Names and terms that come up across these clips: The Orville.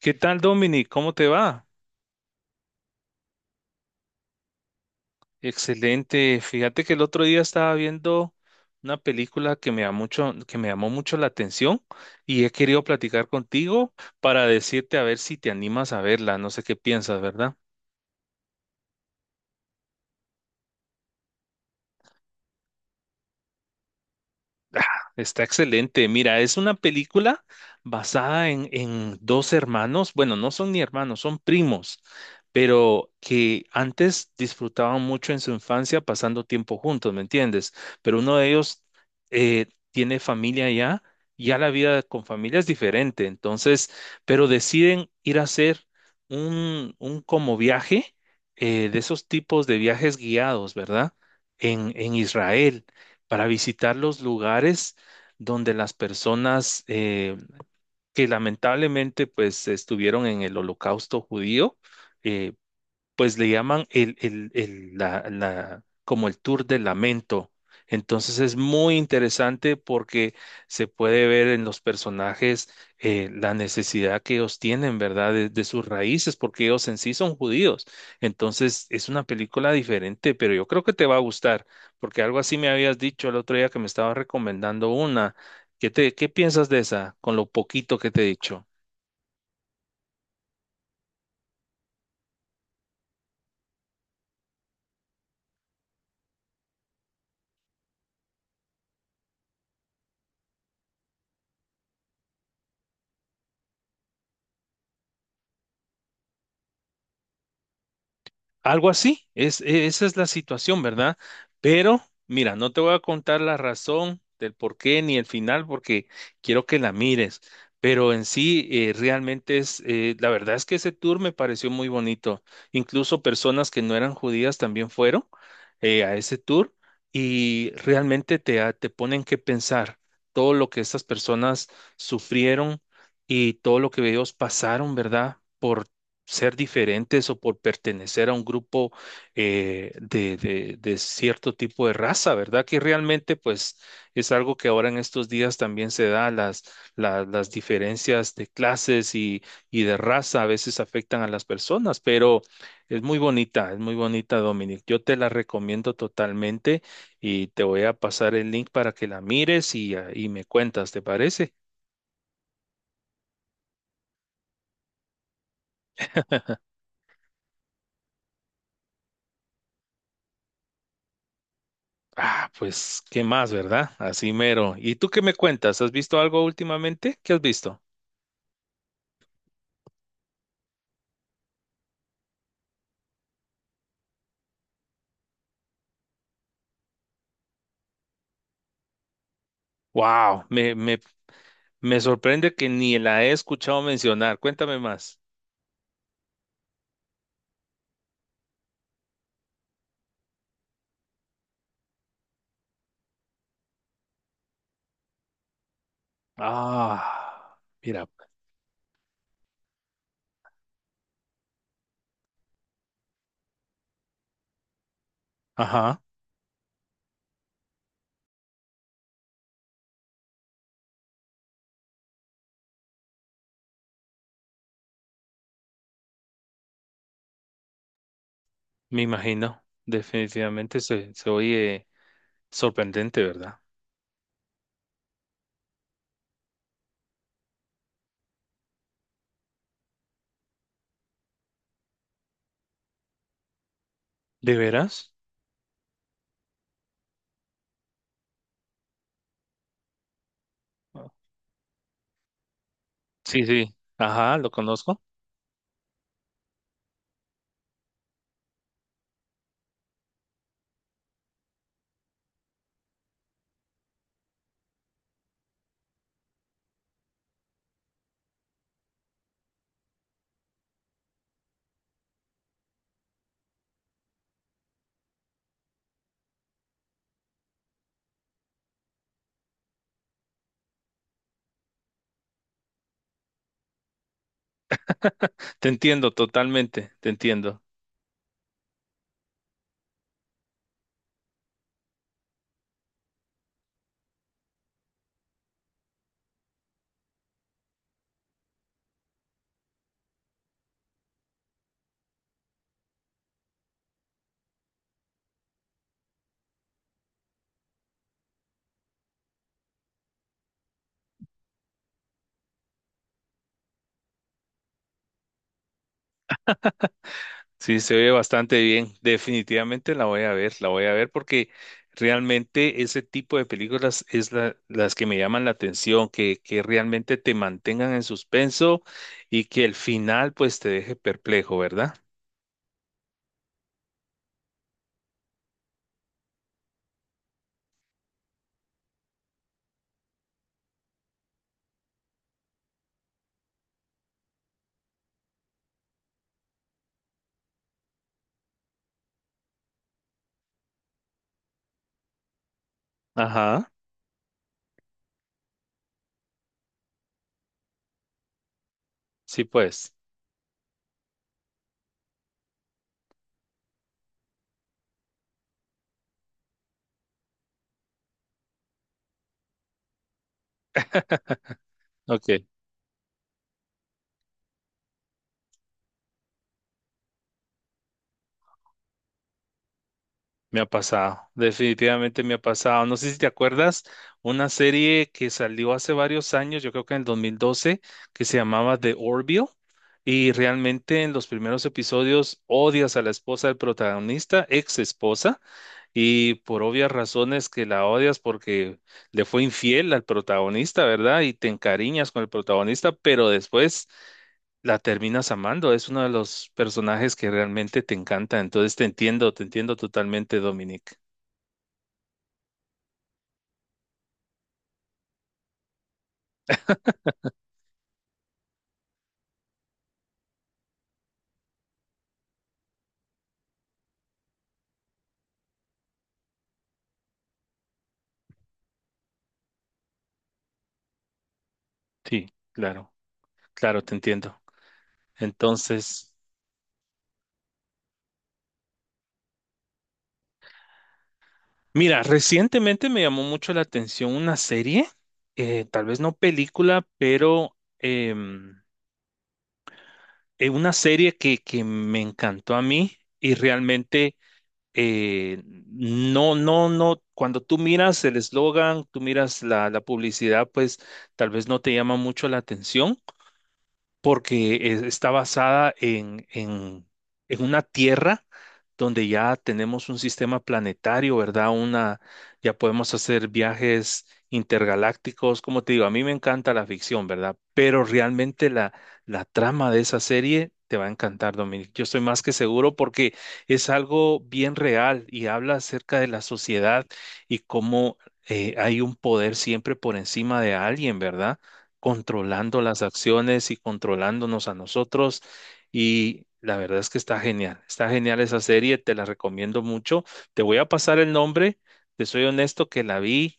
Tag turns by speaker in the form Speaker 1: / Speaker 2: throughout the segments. Speaker 1: ¿Qué tal, Dominic? ¿Cómo te va? Excelente. Fíjate que el otro día estaba viendo una película que me llamó mucho, que me llamó mucho la atención y he querido platicar contigo para decirte a ver si te animas a verla. No sé qué piensas, ¿verdad? Ah, Está excelente. Mira, es una película basada en dos hermanos. Bueno, no son ni hermanos, son primos, pero que antes disfrutaban mucho en su infancia pasando tiempo juntos, ¿me entiendes? Pero uno de ellos tiene familia ya, ya la vida con familia es diferente. Entonces, pero deciden ir a hacer un como viaje, de esos tipos de viajes guiados, ¿verdad? En Israel para visitar los lugares donde las personas que lamentablemente pues estuvieron en el holocausto judío, eh, pues le llaman como el tour del lamento. Entonces es muy interesante porque se puede ver en los personajes la necesidad que ellos tienen, ¿verdad? De sus raíces, porque ellos en sí son judíos. Entonces es una película diferente, pero yo creo que te va a gustar, porque algo así me habías dicho el otro día que me estabas recomendando una. ¿Qué piensas de esa con lo poquito que te he dicho? Algo así, es, esa es la situación, ¿verdad? Pero mira, no te voy a contar la razón del por qué ni el final porque quiero que la mires, pero en sí realmente es, la verdad es que ese tour me pareció muy bonito. Incluso personas que no eran judías también fueron a ese tour y realmente te ponen que pensar todo lo que estas personas sufrieron y todo lo que ellos pasaron, ¿verdad? Por ser diferentes o por pertenecer a un grupo de cierto tipo de raza, ¿verdad? Que realmente pues es algo que ahora en estos días también se da, las diferencias de clases y de raza a veces afectan a las personas, pero es muy bonita, Dominic. Yo te la recomiendo totalmente y te voy a pasar el link para que la mires y, y me cuentas, ¿te parece? Ah, pues, ¿qué más, verdad? Así mero. ¿Y tú qué me cuentas? ¿Has visto algo últimamente? ¿Qué has visto? Wow, me sorprende que ni la he escuchado mencionar. Cuéntame más. Ah, mira. Ajá, me imagino. Definitivamente se oye sorprendente, ¿verdad? ¿De veras? Sí, sí. Ajá, lo conozco. Te entiendo totalmente, te entiendo. Sí, se ve bastante bien. Definitivamente la voy a ver, la voy a ver porque realmente ese tipo de películas es las que me llaman la atención, que realmente te mantengan en suspenso y que el final pues te deje perplejo, ¿verdad? Ajá, sí pues. Ok. Me ha pasado, definitivamente me ha pasado. No sé si te acuerdas, una serie que salió hace varios años, yo creo que en el 2012, que se llamaba The Orville, y realmente en los primeros episodios odias a la esposa del protagonista, ex esposa, y por obvias razones que la odias porque le fue infiel al protagonista, ¿verdad? Y te encariñas con el protagonista, pero después la terminas amando. Es uno de los personajes que realmente te encanta. Entonces te entiendo totalmente, Dominic. Sí, claro, claro, te entiendo. Entonces, mira, recientemente me llamó mucho la atención una serie, tal vez no película, pero em, una serie que me encantó a mí y realmente no, no, no, cuando tú miras el eslogan, tú miras la publicidad, pues tal vez no te llama mucho la atención porque está basada en una Tierra donde ya tenemos un sistema planetario, ¿verdad? Una, ya podemos hacer viajes intergalácticos, como te digo, a mí me encanta la ficción, ¿verdad? Pero realmente la trama de esa serie te va a encantar, Dominic. Yo estoy más que seguro porque es algo bien real y habla acerca de la sociedad y cómo hay un poder siempre por encima de alguien, ¿verdad? Controlando las acciones y controlándonos a nosotros. Y la verdad es que está genial esa serie, te la recomiendo mucho. Te voy a pasar el nombre, te soy honesto que la vi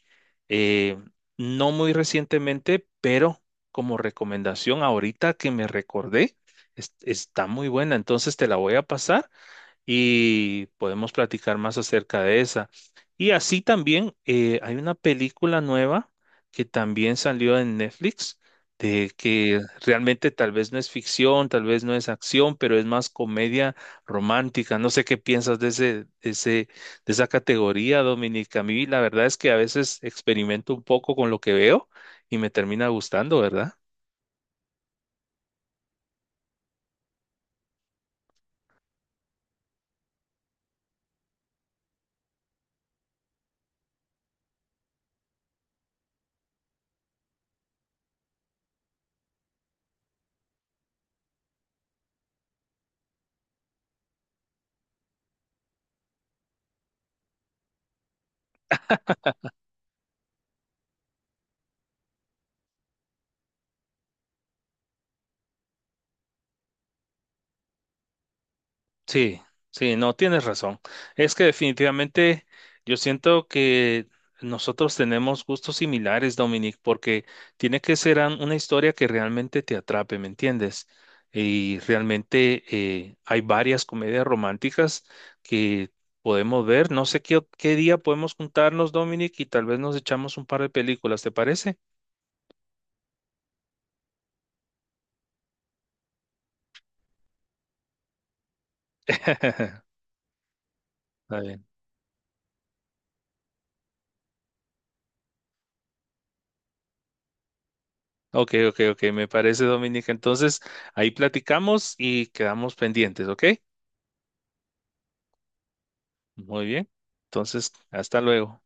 Speaker 1: eh, no muy recientemente, pero como recomendación ahorita que me recordé, está muy buena, entonces te la voy a pasar y podemos platicar más acerca de esa. Y así también hay una película nueva que también salió en Netflix, de que realmente tal vez no es ficción, tal vez no es acción, pero es más comedia romántica. No sé qué piensas de ese, de esa categoría, Dominica. A mí la verdad es que a veces experimento un poco con lo que veo y me termina gustando, ¿verdad? Sí, sí, no tienes razón. Es que definitivamente yo siento que nosotros tenemos gustos similares, Dominic, porque tiene que ser una historia que realmente te atrape, ¿me entiendes? Y realmente hay varias comedias románticas que podemos ver. No sé qué día podemos juntarnos, Dominic, y tal vez nos echamos un par de películas, ¿te parece? Está bien. Ok, ok, ok, me parece, Dominic. Entonces, ahí platicamos y quedamos pendientes, ¿ok? Muy bien. Entonces, hasta luego.